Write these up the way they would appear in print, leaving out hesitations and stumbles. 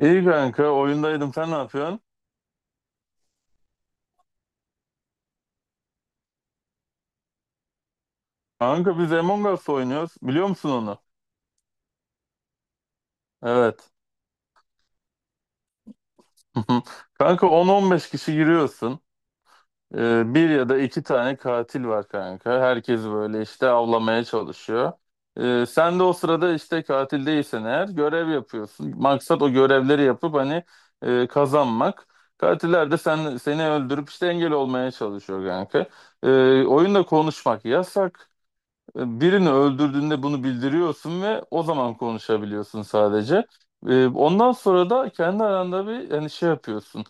İyi kanka oyundaydım, sen ne yapıyorsun? Kanka biz Among Us oynuyoruz, biliyor musun onu? Evet. Kanka 10-15 kişi giriyorsun. Bir ya da iki tane katil var kanka. Herkes böyle işte avlamaya çalışıyor. Sen de o sırada işte katil değilsen eğer görev yapıyorsun. Maksat o görevleri yapıp hani kazanmak. Katiller de seni öldürüp işte engel olmaya çalışıyor kanka. Ee, Oyunda konuşmak yasak. Birini öldürdüğünde bunu bildiriyorsun ve o zaman konuşabiliyorsun sadece. Ondan sonra da kendi aranda bir hani şey yapıyorsun.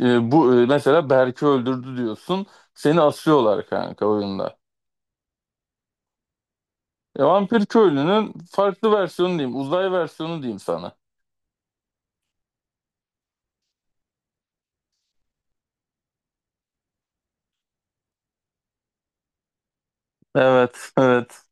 Bu mesela Berk'i öldürdü diyorsun. Seni asıyorlar kanka oyunda. Vampir köylünün farklı versiyonu diyeyim, uzay versiyonu diyeyim sana. Evet, evet.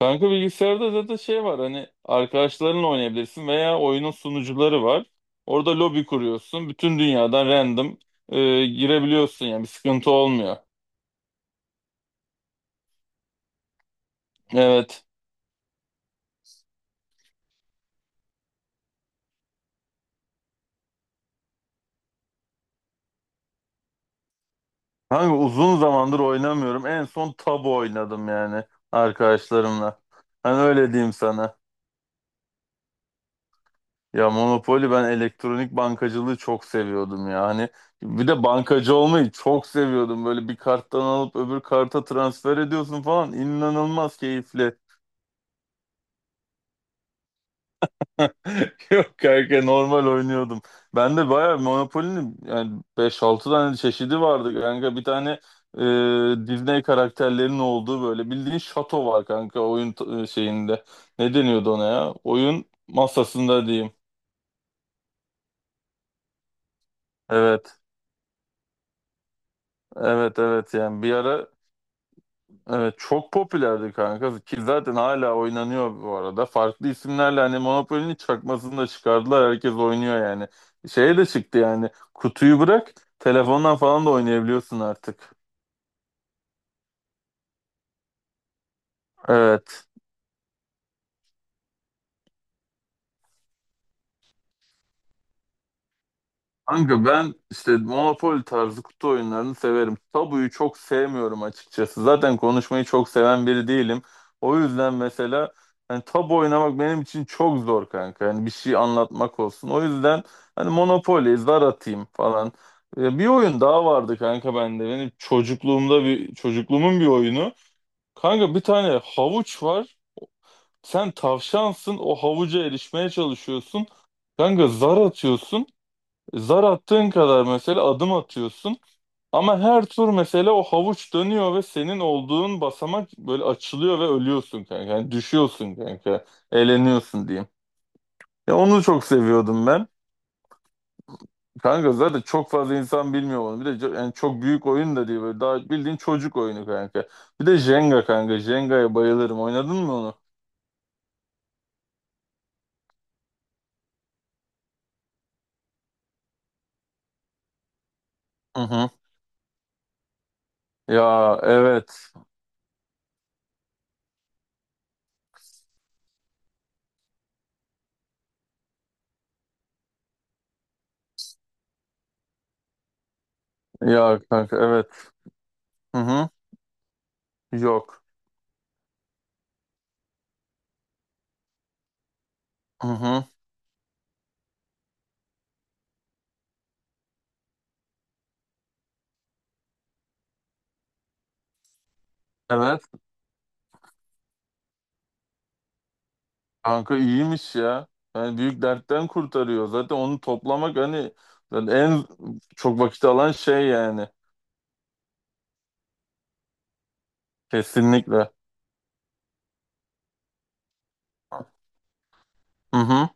Kanka bilgisayarda zaten şey var, hani arkadaşlarınla oynayabilirsin veya oyunun sunucuları var. Orada lobi kuruyorsun. Bütün dünyadan random girebiliyorsun, yani bir sıkıntı olmuyor. Evet. Hangi uzun zamandır oynamıyorum. En son tabu oynadım, yani arkadaşlarımla. Hani öyle diyeyim sana. Ya Monopoly, ben elektronik bankacılığı çok seviyordum ya. Hani bir de bankacı olmayı çok seviyordum. Böyle bir karttan alıp öbür karta transfer ediyorsun falan. İnanılmaz keyifli. Yok kanka, normal oynuyordum. Ben de bayağı Monopoly'nin yani beş altı tane çeşidi vardı kanka. Bir tane Disney karakterlerinin olduğu, böyle bildiğin şato var kanka oyun şeyinde. Ne deniyordu ona ya? Oyun masasında diyeyim. Evet, evet, evet, yani bir ara evet çok popülerdi kanka ki zaten hala oynanıyor bu arada. Farklı isimlerle hani Monopoly'nin çakmasını da çıkardılar. Herkes oynuyor yani. Şeye de çıktı yani. Kutuyu bırak, telefondan falan da oynayabiliyorsun artık. Evet. Kanka ben işte Monopoly tarzı kutu oyunlarını severim. Tabuyu çok sevmiyorum açıkçası. Zaten konuşmayı çok seven biri değilim. O yüzden mesela hani tabu oynamak benim için çok zor kanka. Yani bir şey anlatmak olsun. O yüzden hani Monopoly, zar atayım falan. Bir oyun daha vardı kanka bende. Benim çocukluğumda bir çocukluğumun bir oyunu. Kanka bir tane havuç var. Sen tavşansın. O havuca erişmeye çalışıyorsun. Kanka zar atıyorsun. Zar attığın kadar mesela adım atıyorsun, ama her tur mesela o havuç dönüyor ve senin olduğun basamak böyle açılıyor ve ölüyorsun kanka. Yani düşüyorsun kanka. Eğleniyorsun diyeyim. Ya onu çok seviyordum ben. Kanka zaten çok fazla insan bilmiyor onu. Bir de yani çok büyük oyun da değil, böyle daha bildiğin çocuk oyunu kanka. Bir de Jenga kanka. Jenga'ya bayılırım. Oynadın mı onu? Hı hı. Ya evet. Ya kanka evet. Hı hı. Yok. Hı hı. Evet. Kanka iyiymiş ya. Yani büyük dertten kurtarıyor. Zaten onu toplamak hani zaten en çok vakit alan şey yani. Kesinlikle. Hı hı.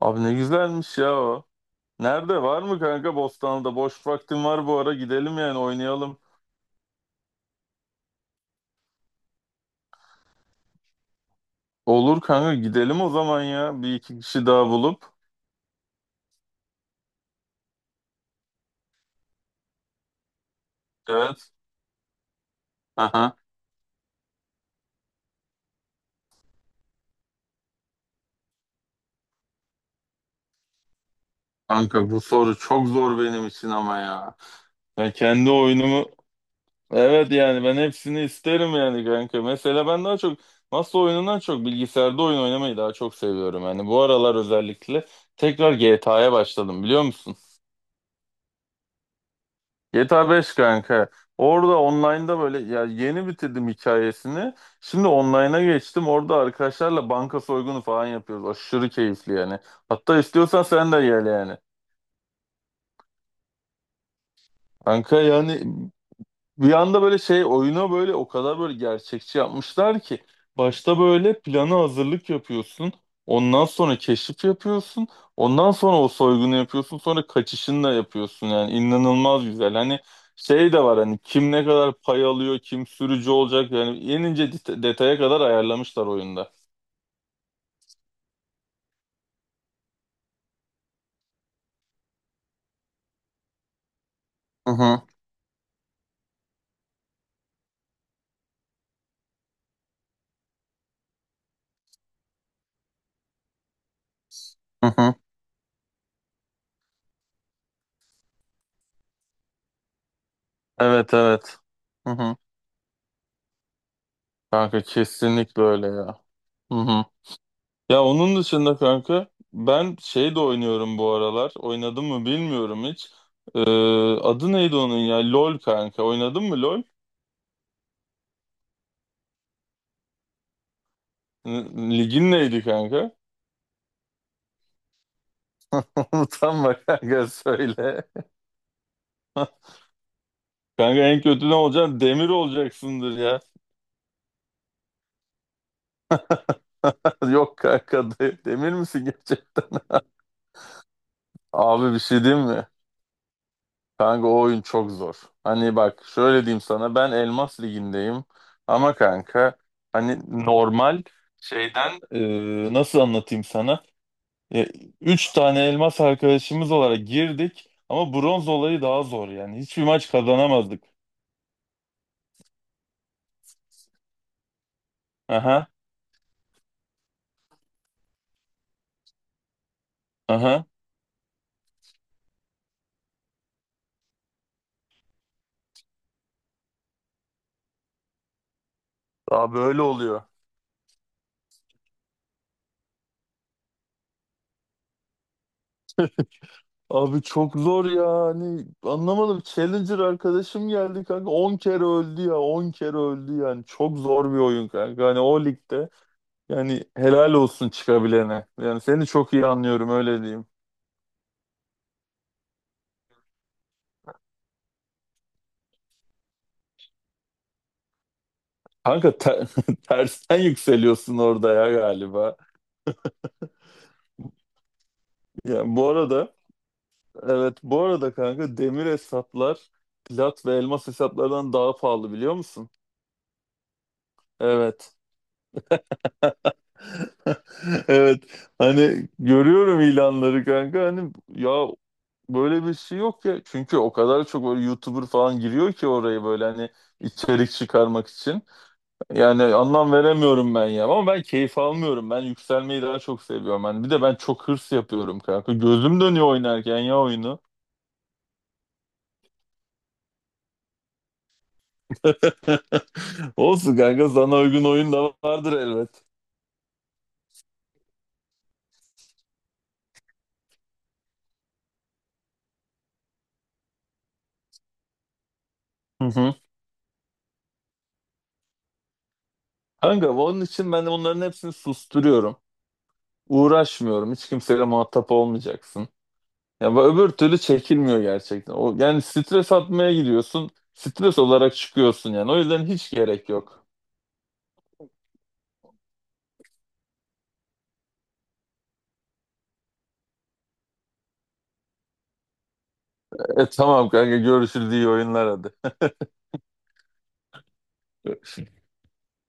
Abi ne güzelmiş ya o. Nerede var mı kanka, Bostanlı'da? Boş vaktim var bu ara, gidelim yani oynayalım. Olur kanka, gidelim o zaman ya. Bir iki kişi daha bulup. Evet. Aha. Kanka bu soru çok zor benim için ama ya. Ben kendi oyunumu evet yani ben hepsini isterim yani kanka. Mesela ben daha çok masa oyunundan çok bilgisayarda oyun oynamayı daha çok seviyorum. Yani bu aralar özellikle tekrar GTA'ya başladım, biliyor musun? GTA 5 kanka. Orada online'da böyle, ya yeni bitirdim hikayesini. Şimdi online'a geçtim. Orada arkadaşlarla banka soygunu falan yapıyoruz. Aşırı keyifli yani. Hatta istiyorsan sen de gel yani. Kanka yani bir anda böyle şey, oyuna böyle o kadar böyle gerçekçi yapmışlar ki başta böyle plana hazırlık yapıyorsun. Ondan sonra keşif yapıyorsun. Ondan sonra o soygunu yapıyorsun. Sonra kaçışını da yapıyorsun. Yani inanılmaz güzel. Hani şey de var, hani kim ne kadar pay alıyor, kim sürücü olacak. Yani en ince detaya kadar ayarlamışlar oyunda. Hı hı, hı hı. Evet, evet. Hı hı. Kanka kesinlikle öyle ya. Hı hı. Ya onun dışında kanka ben şey de oynuyorum bu aralar. Oynadım mı bilmiyorum hiç. Ee, Adı neydi onun ya? LOL kanka. Oynadın mı LOL? Ligin neydi kanka? Utanma kanka, söyle. Kanka en kötü ne olacaksın? Demir olacaksındır ya. Yok kanka, demir misin gerçekten? Abi bir şey diyeyim mi? Kanka o oyun çok zor. Hani bak şöyle diyeyim sana, ben Elmas Ligi'ndeyim ama kanka hani normal şeyden nasıl anlatayım sana? E, üç tane elmas arkadaşımız olarak girdik ama bronz olayı daha zor yani. Hiçbir maç kazanamazdık. Aha, aha. Daha böyle oluyor. Abi çok zor ya, hani anlamadım. Challenger arkadaşım geldi kanka, on kere öldü ya, 10 kere öldü yani. Çok zor bir oyun kanka hani o ligde. Yani helal olsun çıkabilene. Yani seni çok iyi anlıyorum, öyle diyeyim. Kanka tersten yükseliyorsun orada ya galiba. Yani bu arada evet bu arada kanka demir hesaplar plat ve elmas hesaplardan daha pahalı, biliyor musun? Evet. Evet. Hani görüyorum ilanları kanka, hani ya böyle bir şey yok ya. Çünkü o kadar çok böyle YouTuber falan giriyor ki oraya, böyle hani içerik çıkarmak için. Yani anlam veremiyorum ben ya. Ama ben keyif almıyorum. Ben yükselmeyi daha çok seviyorum. Ben, bir de ben çok hırs yapıyorum kanka. Gözüm dönüyor oynarken ya oyunu. Olsun kanka, sana uygun oyun da vardır elbet. Hı hı. Kanka onun için ben de bunların hepsini susturuyorum. Uğraşmıyorum. Hiç kimseyle muhatap olmayacaksın. Ya bu öbür türlü çekilmiyor gerçekten. O yani, stres atmaya gidiyorsun. Stres olarak çıkıyorsun yani. O yüzden hiç gerek yok. Tamam kanka, görüşürüz, iyi oyunlar, hadi.